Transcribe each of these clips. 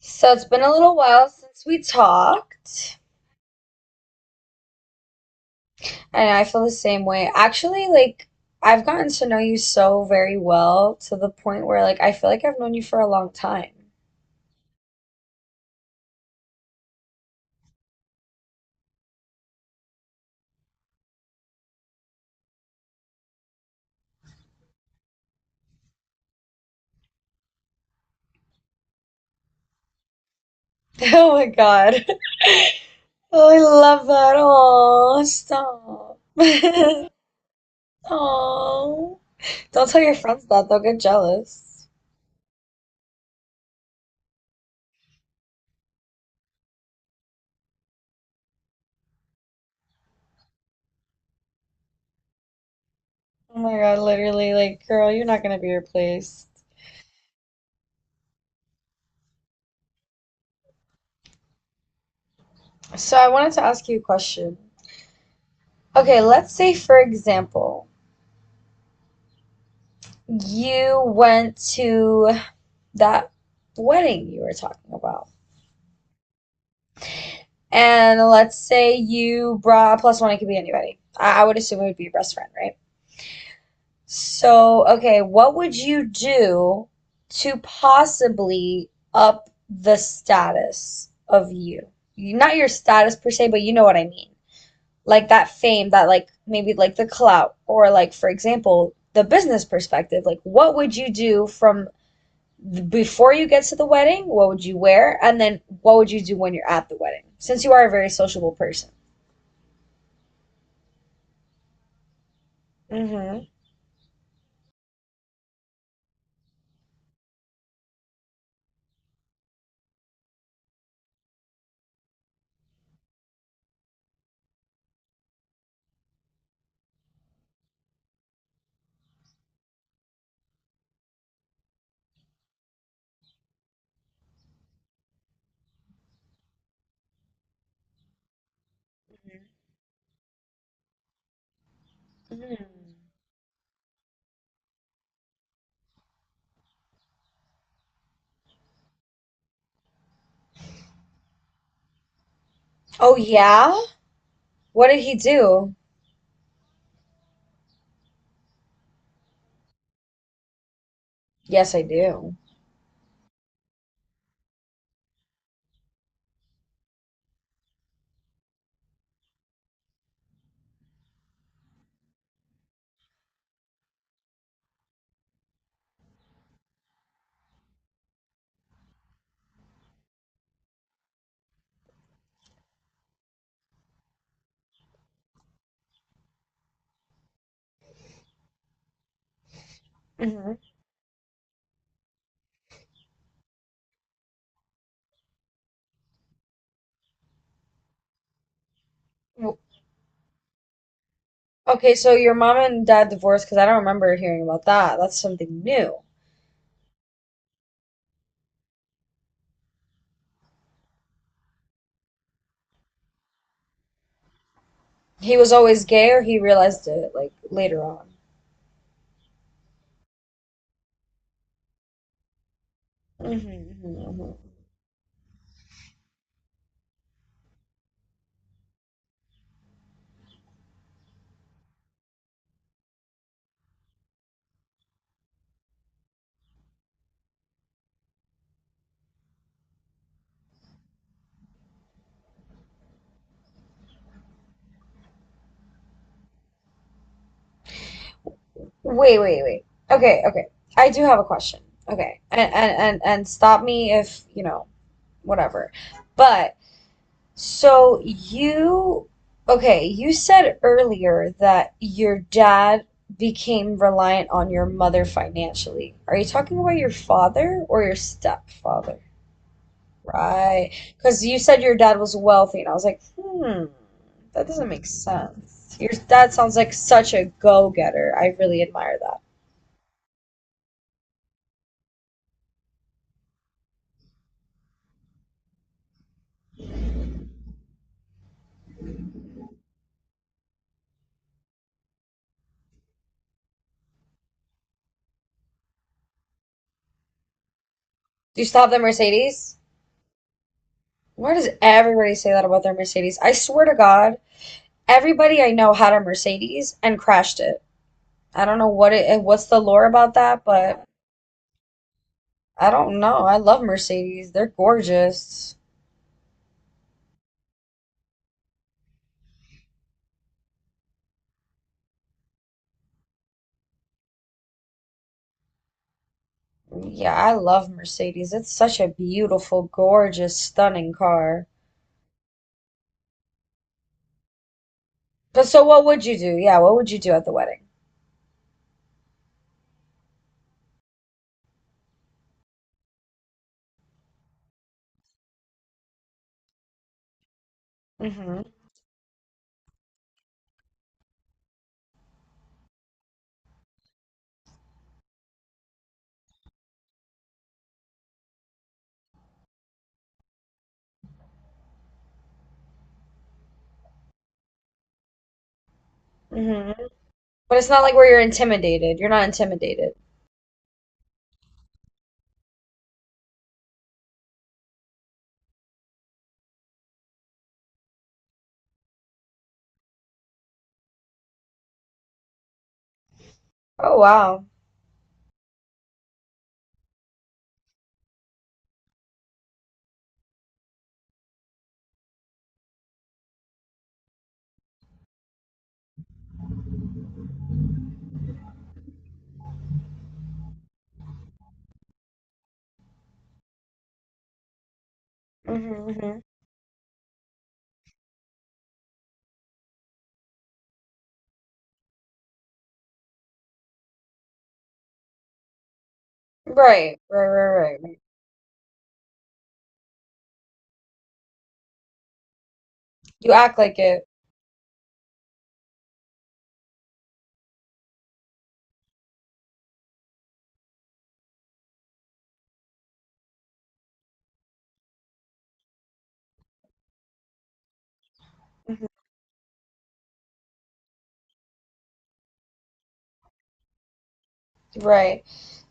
So it's been a little while since we talked, and I feel the same way. Actually, like I've gotten to know you so very well to the point where like I feel like I've known you for a long time. Oh my God. Oh, I love that. Oh, stop. Oh. Don't tell your friends that. They'll get jealous. Oh my God, literally, like, girl, you're not gonna be replaced. So I wanted to ask you a question. Okay, let's say for example, you went to that wedding you were talking about. And let's say you brought plus one, it could be anybody. I would assume it would be your best friend, right? So, okay, what would you do to possibly up the status of Not your status per se, but you know what I mean. Like that fame, that like maybe like the clout, or like, for example, the business perspective. Like, what would you do from before you get to the wedding, what would you wear? And then what would you do when you're at the wedding? Since you are a very sociable person. Mm-hmm. Mm-hmm. Oh, yeah? What did he do? Yes, I do. Mm-hmm. Okay, so your mom and dad divorced because I don't remember hearing about that. That's something new. He was always gay, or he realized it like later on? Mm-hmm. Mm-hmm. Wait, wait, wait. Okay, okay. I do have a question. Okay, and stop me if, you know, whatever. But so you, okay, you said earlier that your dad became reliant on your mother financially. Are you talking about your father or your stepfather? Right. Because you said your dad was wealthy, and I was like, hmm, that doesn't make sense. Your dad sounds like such a go-getter. I really admire that. Do you still have the Mercedes? Why does everybody say that about their Mercedes? I swear to God, everybody I know had a Mercedes and crashed it. I don't know what's the lore about that, but I don't know. I love Mercedes. They're gorgeous. Yeah, I love Mercedes. It's such a beautiful, gorgeous, stunning car. But so what would you do? Yeah, what would you do at the wedding? Mm hmm mm hmm But it's not like where you're intimidated. You're not intimidated. Oh wow. Hmm, hmm. Right, right, right, right, right. You act like it. Mhm. Right.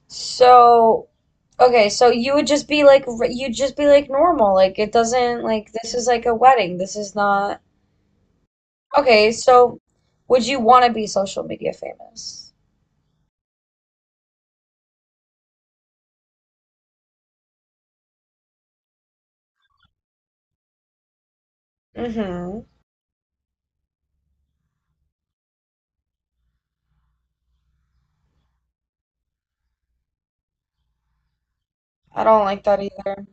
So, okay, so you would just be like you'd just be like normal. Like it doesn't this is like a wedding. This is not— Okay, so would you want to be social media famous? Mm-hmm. I don't like that either.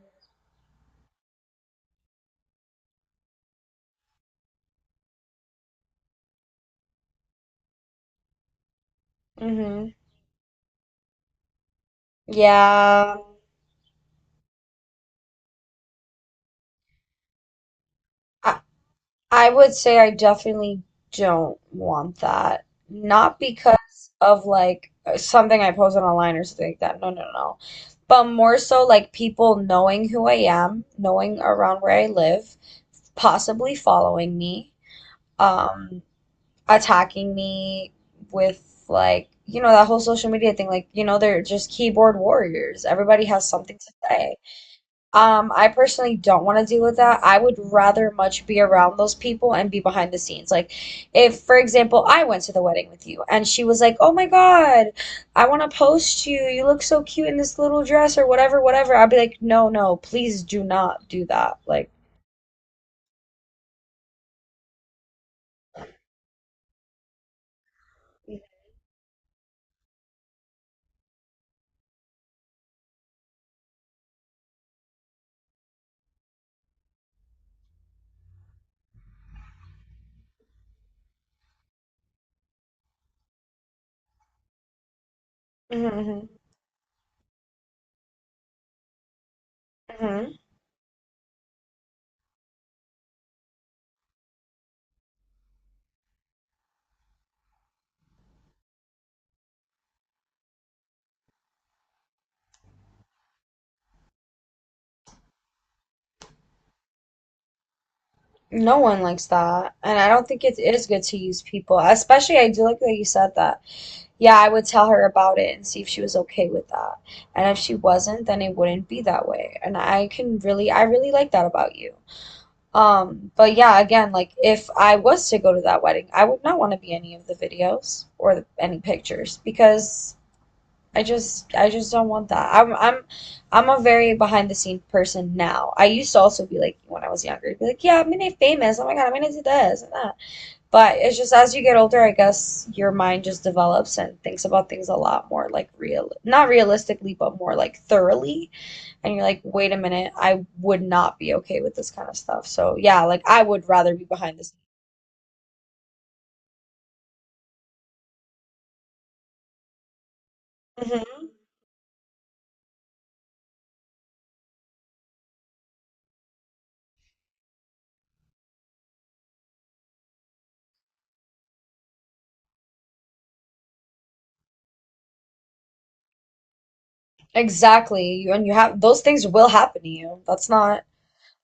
Mm-hmm. Yeah. I I would say I definitely don't want that. Not because of like something I posted online or something like that. No, no, no. But more so like people knowing who I am, knowing around where I live, possibly following me. um attacking me with, like, you know, that whole social media thing, like, you know, they're just keyboard warriors, everybody has something to say. I personally don't want to deal with that. I would rather much be around those people and be behind the scenes. Like, if for example I went to the wedding with you and she was like, "Oh my god, I want to post you, you look so cute in this little dress" or whatever whatever, I'd be like, "No, no, please do not do that." Like, mhm, mhm, mhm. No one likes that. And I don't think it is good to use people. Especially, I do like that you said that. Yeah, I would tell her about it and see if she was okay with that. And if she wasn't, then it wouldn't be that way. And I can really, I really like that about you. But yeah, again, like if I was to go to that wedding, I would not want to be any of the videos or the, any pictures because I just don't want that. I'm I'm a very behind the scenes person now. I used to also be like when I was younger, I'd be like, yeah, I'm gonna be famous. Oh my God, I'm gonna do this and that. But it's just as you get older, I guess your mind just develops and thinks about things a lot more like real, not realistically, but more like thoroughly. And you're like, wait a minute, I would not be okay with this kind of stuff. So yeah, like I would rather be behind this. Hmm. Exactly. And you have— those things will happen to you. That's not—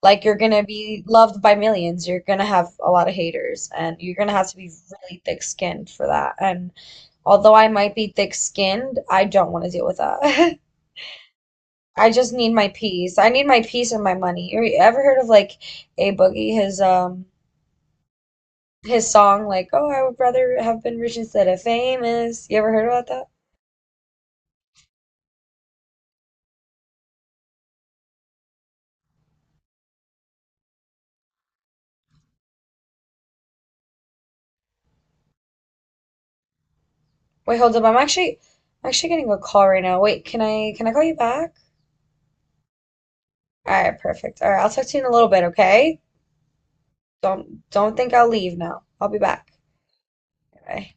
like you're gonna be loved by millions. You're gonna have a lot of haters, and you're gonna have to be really thick-skinned for that. And although I might be thick-skinned, I don't want to deal with that. I just need my peace. I need my peace and my money. You ever heard of like A Boogie? His his song like, "Oh, I would rather have been rich instead of famous." You ever heard about that? Wait, hold up. I'm actually getting a call right now. Wait, can I call you back? All right, perfect. All right, I'll talk to you in a little bit, okay? Don't think I'll leave now. I'll be back. All right.